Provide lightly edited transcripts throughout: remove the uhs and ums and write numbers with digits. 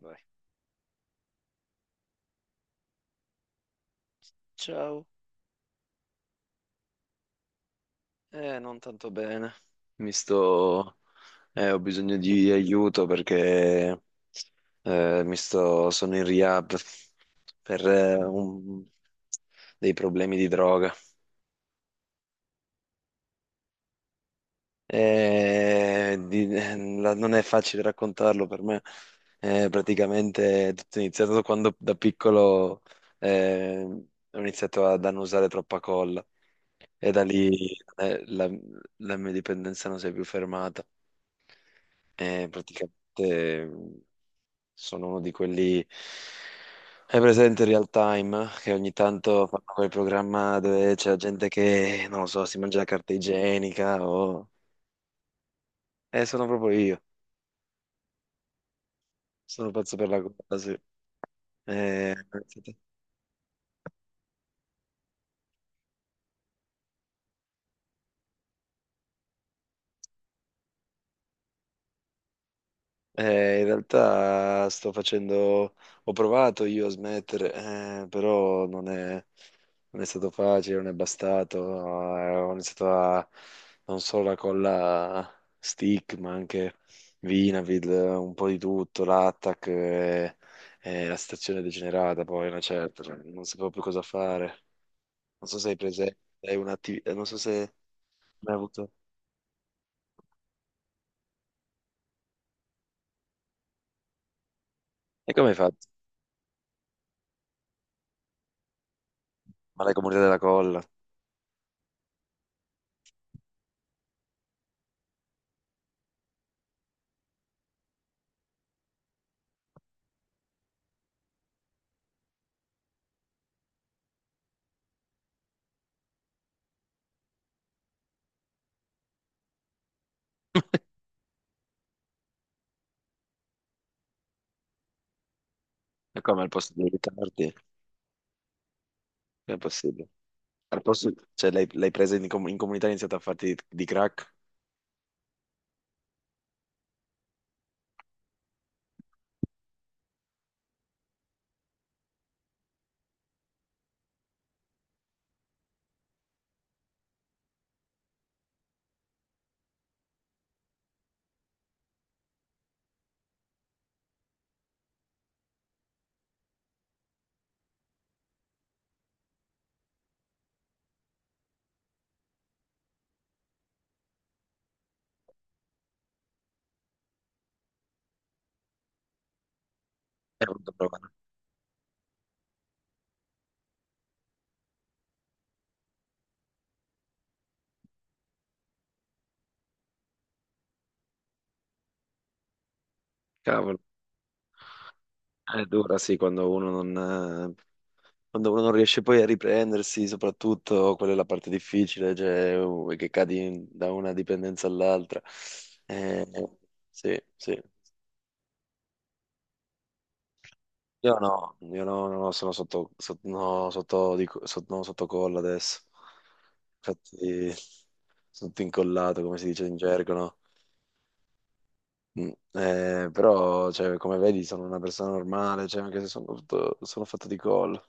Vai. Ciao. Non tanto bene. Mi sto... Ho bisogno di aiuto perché mi sto... Sono in rehab per dei problemi di droga. Non è facile raccontarlo per me. Praticamente è tutto iniziato quando da piccolo ho iniziato ad annusare troppa colla e da lì eh, la, la mia dipendenza non si è più fermata. E praticamente sono uno di quelli... Hai presente il Real Time? Che ogni tanto fanno quel programma dove c'è la gente che, non lo so, si mangia la carta igienica o... Sono proprio io. Sono pazzo per la cosa, sì. Eh, In realtà sto facendo, ho provato io a smettere, però non è, non è stato facile, non è bastato. Ho iniziato a non solo la colla stick, ma anche Vinavid, un po' di tutto, l'Attack e la stazione degenerata, poi una certa, cioè, non sapevo più cosa fare. Non so se hai presente, hai un'attività, non so se mai avuto. E come hai fatto? Ma l'hai comunità della colla? E come al posto di evitarti? Come è possibile? Al posto, cioè, l'hai presa in, in comunità e hai iniziato a farti di crack? È brutta prova. Cavolo, è dura, sì, quando uno non riesce poi a riprendersi, soprattutto quella è la parte difficile, cioè che cadi da una dipendenza all'altra. Eh, sì, sì. Io no, no, no, sono sotto, sotto, no, sotto, sotto, no, sotto colla adesso. Infatti, sono tutto incollato, come si dice in gergo, no? Però, cioè, come vedi, sono una persona normale, cioè, anche se sono fatto, sono fatto di collo,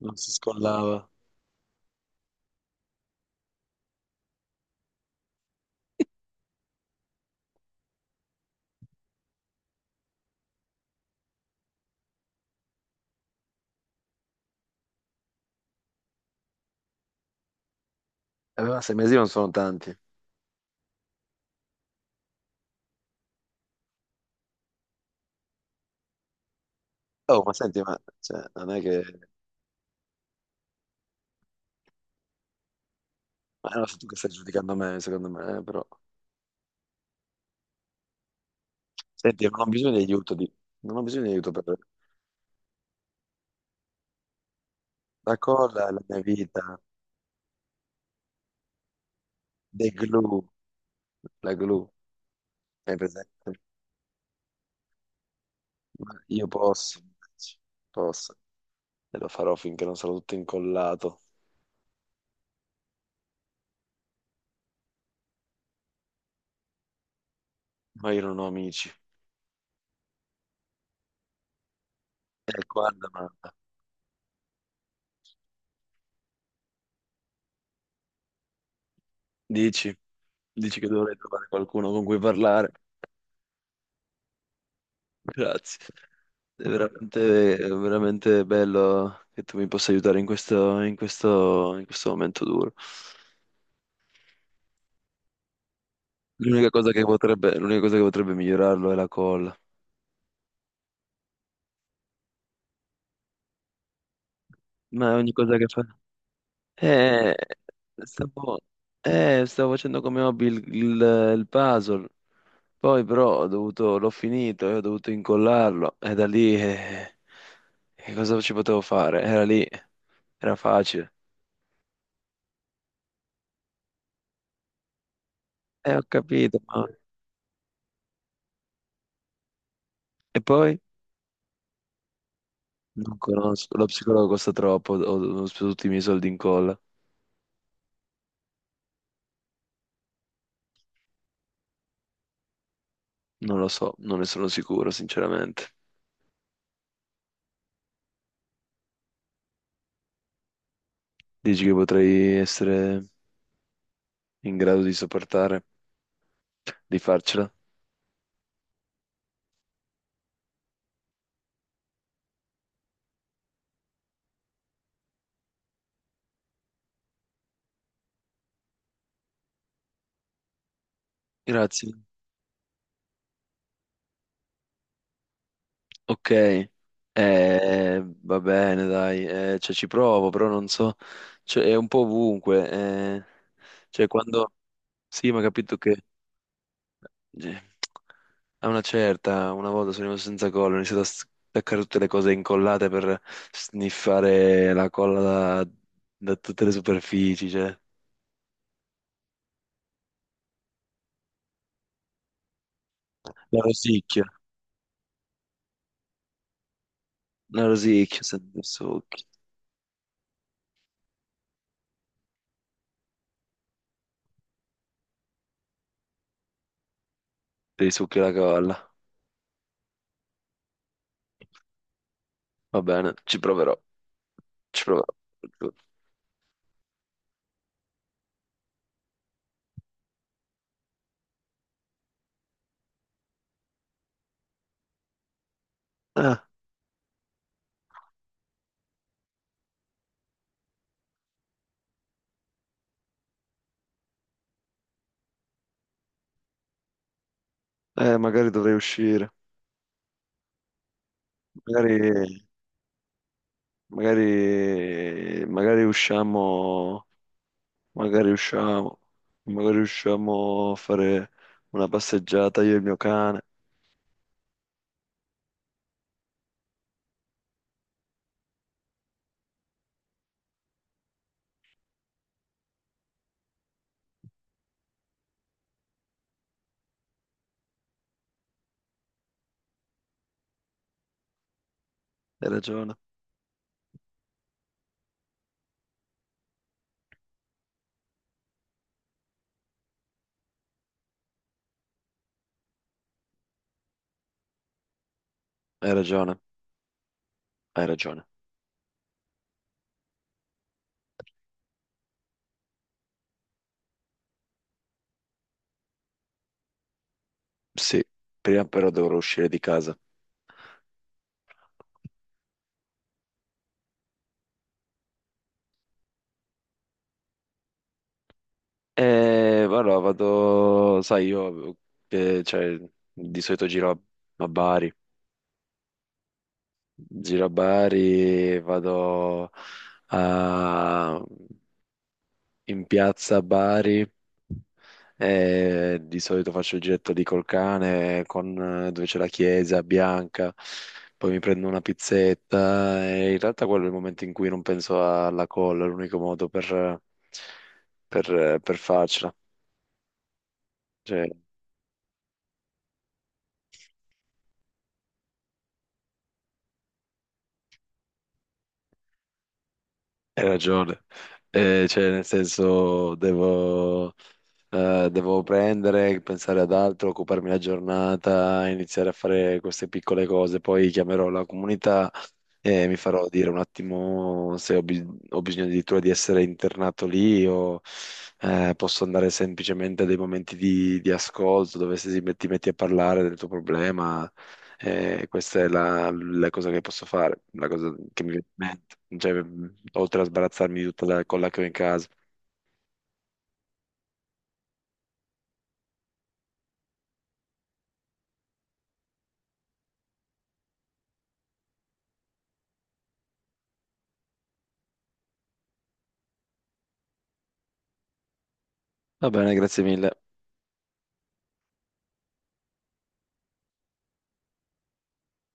non si scollava. Ma sei mesi non sono tanti. Oh, ma senti, ma cioè, non è che... Ma non sei tu che stai giudicando me, secondo me, però... Senti, non ho bisogno di aiuto, di... Non ho bisogno di aiuto per... La colla è la mia vita. The glue, la glue, è presente? Ma io posso, posso, e lo farò finché non sarò tutto incollato, ma io non ho amici. E qua la domanda, dici? Dici che dovrei trovare qualcuno con cui parlare. Grazie. È veramente bello che tu mi possa aiutare in questo, in questo, in questo momento duro. L'unica cosa che potrebbe, l'unica cosa che potrebbe migliorarlo è la colla. Ma ogni cosa che fa... Eh, stavo, Stavo facendo come hobby il puzzle. Poi però ho dovuto, l'ho finito e ho dovuto incollarlo. E da lì... che cosa ci potevo fare? Era lì, era facile. Ho capito, ma... E poi? Non conosco, lo psicologo costa troppo, ho, ho speso tutti i miei soldi in colla. Non lo so, non ne sono sicuro, sinceramente. Dici che potrei essere in grado di sopportare, di farcela? Grazie. Ok, va bene, dai, cioè, ci provo, però non so, cioè, è un po' ovunque. Cioè, quando... Sì, ma ho capito che... Sì. A una certa, una volta sono rimasto senza colla, ho iniziato a staccare tutte le cose incollate per sniffare la colla da, da tutte le superfici, cioè la rosicchio, la rosicchio, sento i succhi, dei succhi la colla. Va bene, ci proverò, ci proverò. Ah, magari dovrei uscire, magari, magari, magari usciamo, magari usciamo, magari usciamo a fare una passeggiata io e il mio cane. Hai ragione, hai ragione, hai ragione. Sì, prima però dovrò uscire di casa. E allora vado, sai, io cioè, di solito giro a a Bari, giro a Bari, a- in piazza a Bari. E di solito faccio il giretto lì col cane, con, dove c'è la chiesa bianca, poi mi prendo una pizzetta e in realtà quello è il momento in cui non penso alla colla, è l'unico modo per farcela. Cioè, hai ragione. Cioè, nel senso, devo, devo prendere, pensare ad altro, occuparmi la giornata, iniziare a fare queste piccole cose, poi chiamerò la comunità. E mi farò dire un attimo se ho, ho bisogno addirittura di essere internato lì o posso andare semplicemente a dei momenti di ascolto dove se si met- ti metti a parlare del tuo problema. Questa è la, la cosa che posso fare, la cosa che mi viene in mente, cioè, oltre a sbarazzarmi di tutta la colla che ho in casa. Va bene, grazie mille.